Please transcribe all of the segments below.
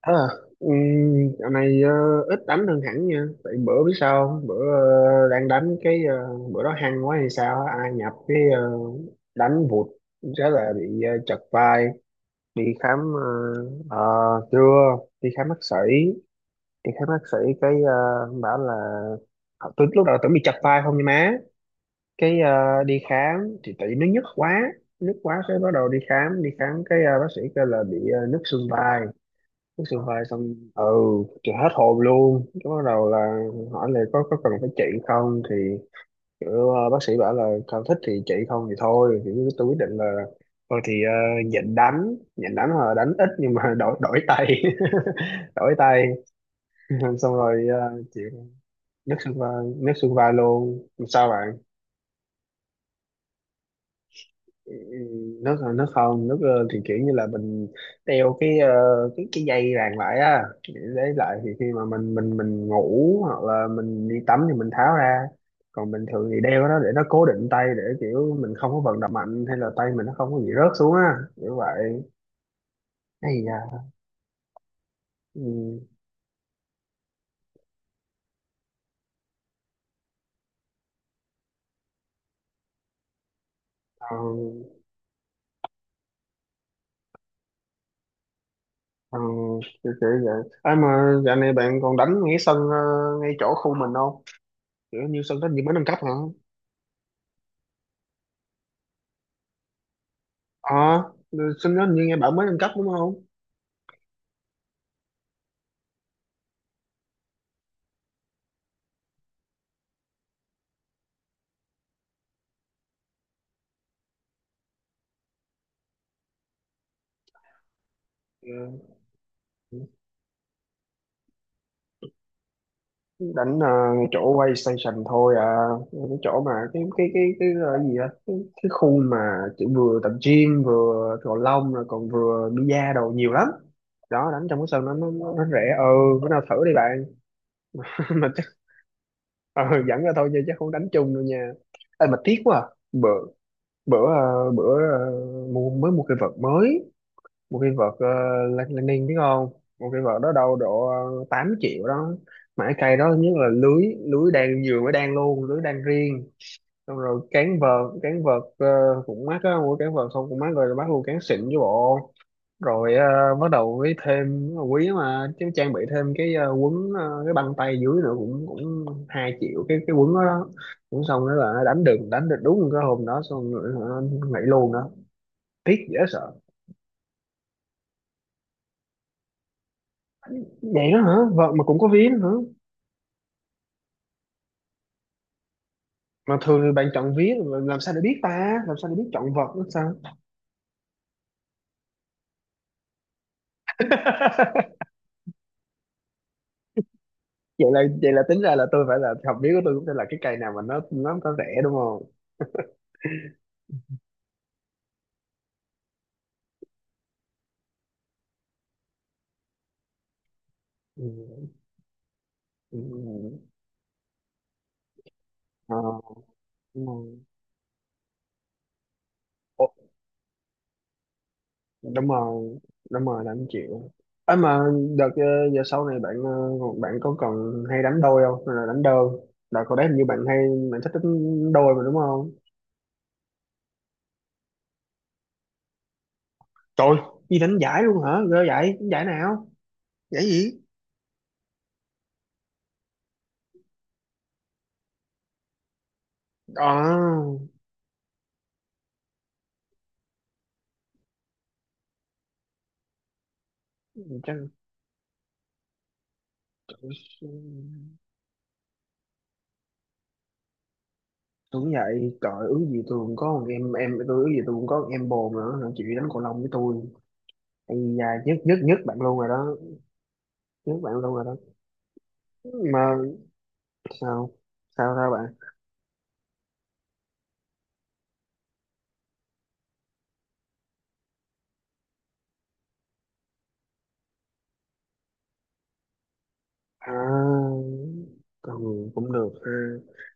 À, dạo này ít đánh hơn hẳn nha. Tại bữa biết sao không? Bữa đang đánh cái bữa đó hăng quá hay sao á, ai nhập cái đánh vụt rất là bị chật vai, đi khám. ờ, ờ, Chưa đi khám bác sĩ, đi khám bác sĩ cái bảo là tôi lúc đầu tưởng bị chật vai không nha má, cái đi khám thì tại vì nó nhức quá, cái bắt đầu đi khám, cái bác sĩ kêu là bị nhức xương vai. Uống sữa hoài xong ừ thì hết hồn luôn, cái bắt đầu là hỏi là có cần phải trị không thì kiểu bác sĩ bảo là không thích thì trị, không thì thôi. Thì tôi quyết định là thôi thì nhịn đánh, nhịn đánh là đánh ít nhưng mà đổi đổi tay. Đổi tay xong rồi chị. Nước xương vai, nước xương vai luôn sao bạn. Nó không, nó thì kiểu như là mình đeo cái cái dây ràng lại á, để lại thì khi mà mình ngủ hoặc là mình đi tắm thì mình tháo ra, còn bình thường thì đeo nó để nó cố định tay, để kiểu mình không có vận động mạnh, hay là tay mình nó không có bị rớt xuống á, kiểu vậy. Hay da. Ừ. Ờ, ờ, kiểu kiểu vậy. À, mà dạo này bạn còn đánh ngay sân ngay chỗ khu mình không, kiểu như sân đó như mới nâng cấp hả. Ờ. À, sân đó như nghe bảo mới nâng cấp đúng không? Ừ. Đánh ngay chỗ quay station thôi à, cái chỗ mà cái, gì á, cái khu mà chỉ vừa tập gym vừa cầu lông rồi còn vừa bida đồ nhiều lắm. Đó đánh trong cái sân nó nó rẻ ừ. Bữa nào thử đi bạn. Mà chắc ờ, dẫn ra thôi chứ chắc không đánh chung đâu nha. Ê, mà tiếc quá à. Bữa bữa ờ, mới mua cái vợt mới, một cái vợt Lenin biết không. Một cái vợt đó đâu độ 8 triệu đó, mà cái cây đó nhất là lưới, lưới đan vừa mới đan luôn, lưới đan riêng. Xong rồi cán vợt, cũng mắc á, mua cán vợt xong cũng mắc, rồi bắt luôn cán xịn với bộ, rồi bắt đầu với thêm quý mà chứ, trang bị thêm cái quấn cái băng tay dưới nữa, cũng cũng 2 triệu cái quấn đó, đó. Cũng xong đó là đánh được, đúng cái hôm đó xong rồi hả, nghỉ luôn đó. Tiếc dễ sợ. Vậy đó hả, vợt mà cũng có vía hả. Mà thường thì bạn chọn vía mà làm sao để biết ta, làm sao để biết chọn vật nữa sao. Vậy là tính ra là tôi phải là học vía của tôi, cũng phải là cái cây nào mà nó có rẻ đúng không. Ừ. Ừ. Ờ, đúng rồi. Ủa, đúng rồi. Là anh chịu ấy mà. Đợt giờ sau này bạn bạn có còn hay đánh đôi không hay là đánh đơn. Đợt hồi đấy hình như bạn hay, bạn thích đánh đôi mà đúng không. Trời ơi, đi đánh giải luôn hả, ghê vậy. Đánh giải nào, giải gì? Ờ. Chắc đúng vậy. Trời ước gì tôi cũng có một em, tôi ước gì tôi cũng có một em bồ mà nó chịu đánh cầu lông với tôi. Ây da, nhất nhất nhất bạn luôn rồi đó. Nhất bạn luôn rồi đó. Mà, sao? Sao sao bạn? À, còn cũng được ha.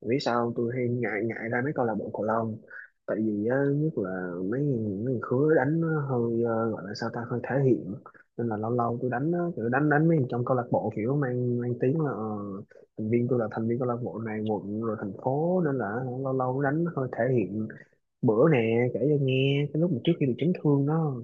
Vì sao không? Tôi hay ngại, ngại ra mấy câu lạc bộ cầu lông, tại vì á, nhất là mấy người khứa đánh nó hơi gọi là sao ta, hơi thể hiện. Nên là lâu lâu tôi đánh á, kiểu đánh đánh mấy người trong câu lạc bộ, kiểu mang mang tiếng là thành viên. Tôi là thành viên câu lạc bộ này quận, rồi thành phố, nên là lâu lâu đánh hơi thể hiện. Bữa nè kể cho nghe cái lúc mà trước khi bị chấn thương đó,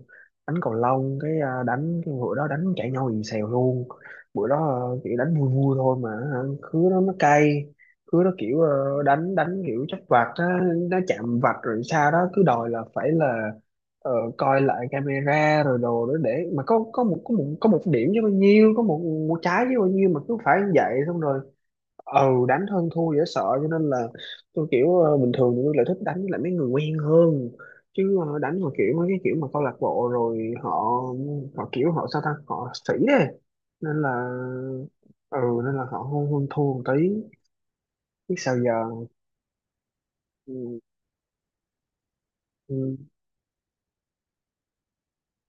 đánh cầu lông cái à, đánh cái bữa đó đánh cãi nhau ì xèo luôn. Bữa đó à, chỉ đánh vui vui thôi mà hả, khứa nó cay. Khứa nó kiểu đánh đánh kiểu chắc vạch á, nó chạm vạch rồi sao đó cứ đòi là phải là ờ, coi lại camera rồi đồ đó, để mà có, có một điểm chứ bao nhiêu, có một, một trái chứ bao nhiêu, mà cứ phải như vậy xong rồi ừ. Đánh hơn thua dễ sợ, cho nên là tôi kiểu bình thường thì tôi lại thích đánh với lại mấy người quen hơn, chứ đánh mà kiểu mấy cái kiểu mà câu lạc bộ rồi họ, họ kiểu họ sao ta, họ sĩ đấy. Nên là ừ, nên là họ hơn hơn thua một tí, biết sao giờ. Ừ, ừ,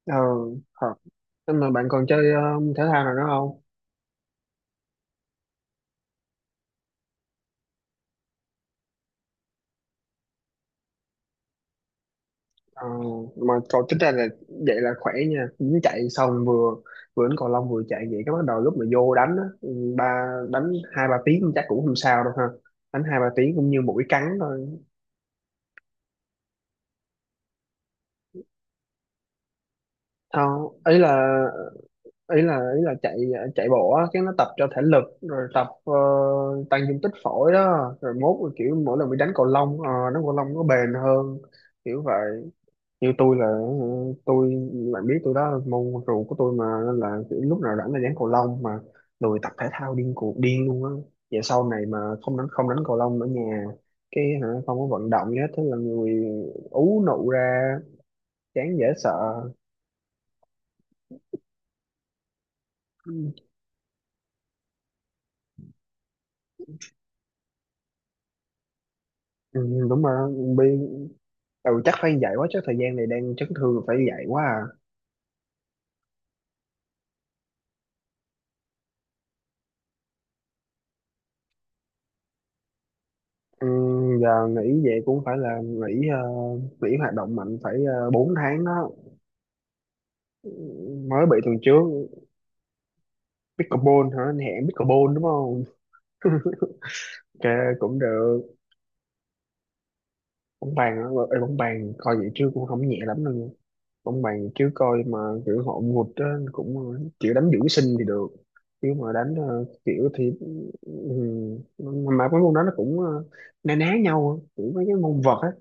ờ thật. Nhưng mà bạn còn chơi thể thao nào nữa không? Ờ, mà cậu tính ra là vậy là khỏe nha, dính chạy xong vừa, đánh cầu lông vừa chạy vậy, cái bắt đầu lúc mà vô đánh á, ừ, ba đánh hai ba tiếng chắc cũng không sao đâu ha. Đánh hai ba tiếng cũng như mũi cắn thôi. Không, ý là chạy, chạy bộ á, cái nó tập cho thể lực, rồi tập tăng dung tích phổi đó, rồi mốt rồi kiểu mỗi lần bị đánh cầu lông đánh cầu lông nó bền hơn, kiểu vậy. Như tôi, bạn biết tôi đó là môn rượu của tôi mà, nên là kiểu lúc nào rảnh là đánh cầu lông mà lười tập thể thao, điên cuồng điên luôn á. Vậy sau này mà không đánh cầu lông ở nhà cái hả, không có vận động gì hết, thế là người ú nụ ra, chán dễ sợ. Ừ, đúng rồi. Bi- ừ, chắc phải dạy quá, chứ thời gian này đang chấn thương phải dạy quá à. Ừ, giờ nghỉ về cũng phải là nghỉ nghỉ hoạt động mạnh, phải 4 tháng đó. Mới bị tuần trước. Pickleball hả? Anh hẹn pickleball đúng không? Ok, cũng được. Bóng bàn á. Ê, bóng bàn coi vậy chứ cũng không nhẹ lắm đâu nha, bóng bàn chứ coi mà kiểu họ ngụt á. Cũng kiểu đánh dưỡng sinh thì được, chứ mà đánh kiểu thì ừ. Mà mấy môn đó nó cũng na ná nhau á, kiểu mấy cái môn vợt á,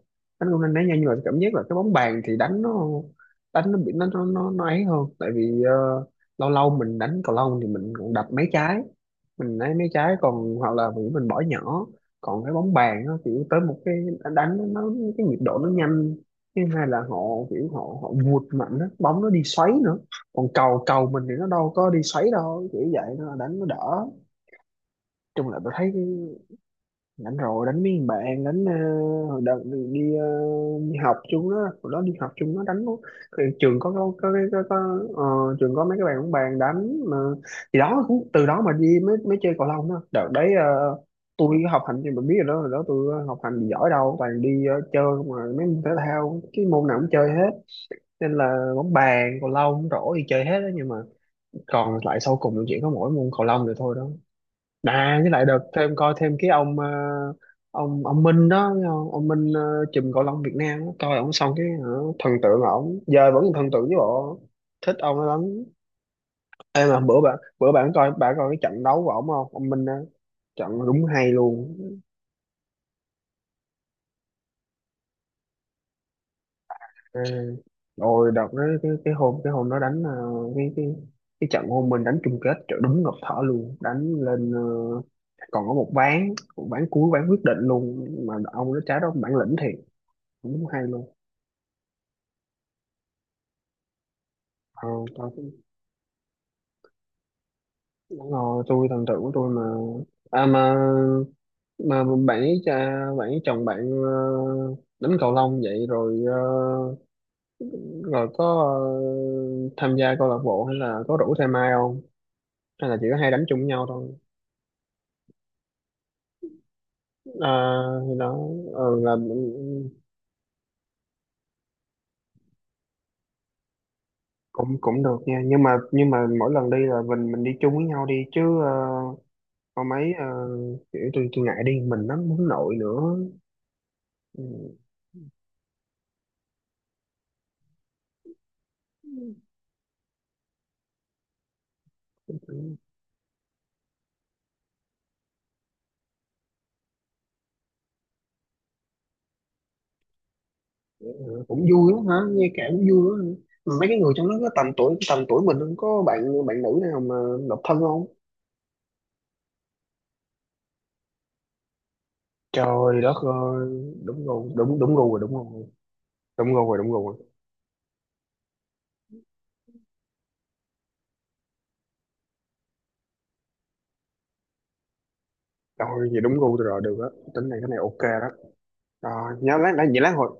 đánh cũng na ná nhau, nhưng mà cảm giác là cái bóng bàn thì đánh nó bị nó ấy hơn, tại vì lâu lâu mình đánh cầu lông thì mình còn đập mấy trái, mình lấy mấy trái còn, hoặc là vì mình bỏ nhỏ. Còn cái bóng bàn nó kiểu tới một cái, đánh cái nhịp độ nó nhanh. Thứ hai là họ kiểu họ họ vụt mạnh đó, bóng nó đi xoáy nữa. Còn cầu cầu mình thì nó đâu có đi xoáy đâu, kiểu vậy nó đánh nó đỡ. Chung là tôi thấy đánh rồi, đánh mấy thằng bạn đánh hồi đợt đi đi, đi học chung đó. Hồi đó đi học chung nó đánh nó, cái trường có có trường có mấy cái bạn cũng bàn đánh mà, thì đó cũng từ đó mà đi mới mới chơi cầu lông đó đợt đấy tôi học hành thì mình biết rồi đó, hồi đó tôi học hành thì giỏi đâu, toàn đi chơi mà mấy môn thể thao cái môn nào cũng chơi hết. Nên là bóng bàn, cầu lông, rổ thì chơi hết đó, nhưng mà còn lại sau cùng là chỉ có mỗi môn cầu lông rồi thôi đó. À, với lại đợt thêm, coi thêm cái ông ông Minh đó thấy không? Ông Minh chùm cầu lông Việt Nam đó. Coi ông xong cái hả, thần tượng ổng, giờ vẫn thần tượng với bộ, thích ông ấy lắm. Em mà bữa bạn coi cái trận đấu của ổng không, ông Minh đó, trận đúng hay luôn. À, rồi đợt đó cái hôm đó đánh cái cái cái trận hôm mình đánh chung kết, trời đúng ngập thở luôn, đánh lên còn có một ván cuối ván quyết định luôn mà, ông đó trái đó bản lĩnh thiệt, đúng hay luôn. Ờ, tao cũng, đúng rồi tôi thần tượng của tôi mà. À mà, mà bạn ấy cha bạn ấy, chồng bạn ờ, đánh cầu lông vậy rồi rồi có ờ, tham gia câu lạc bộ hay là có rủ thêm ai không, hay là chỉ có hai đánh chung với nhau thôi. À, thì đó. Là ừ, cũng cũng được nha, nhưng mà mỗi lần đi là mình đi chung với nhau đi chứ có mấy kiểu tôi ngại đi mình lắm, muốn nội nữa. Cũng vui lắm hả, nghe kể cũng vui lắm hả? Mấy cái người trong đó có tầm tuổi mình không, có bạn bạn nữ nào mà độc thân không? Trời đất ơi. Đúng rồi, đúng đúng gu rồi, đúng rồi. Đúng gu rồi, đúng gu rồi. Rồi vậy đúng gu tôi rồi, được á, tính này cái này ok đó. Rồi nhớ lát, vậy lát hồi,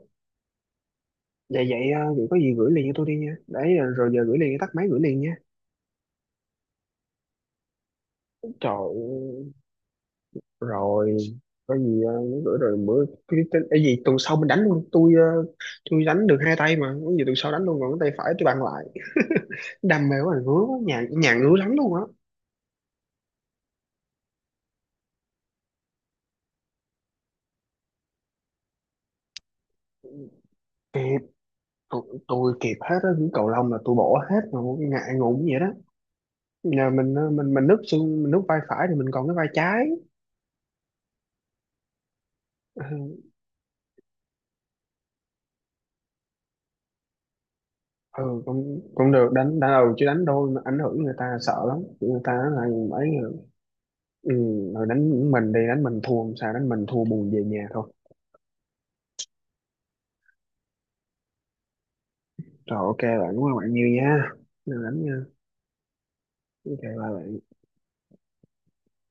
vậy vậy ờ, vậy có gì gửi liền cho tôi đi nha, đấy rồi giờ gửi liền, tắt máy gửi liền nha. Trời ơi. Rồi có gì nhớ gửi, rồi bữa cái gì tuần sau mình đánh luôn, tôi tôi đánh được hai tay mà, có gì tuần sau đánh luôn, còn cái tay phải tôi bàn lại. Đam mê của anh ngứa quá, nhà nhà ngứa lắm luôn á. tôi, tôi kịp hết á, những cầu lông là tôi bỏ hết mà, ngại ngủ vậy đó. Nhà mình mình nứt xương, mình nứt vai phải thì mình còn cái vai trái. Ừ. ừ, Cũng cũng được đánh, ừ, chứ đánh đôi mà ảnh hưởng người ta sợ lắm, người ta nói là ấy. Ừ, rồi đánh mình, thua làm sao, đánh mình thua buồn về nhà thôi. Rồi ok bạn đúng không, bạn nhiều nha. Rồi đánh nha. Ok bye bạn.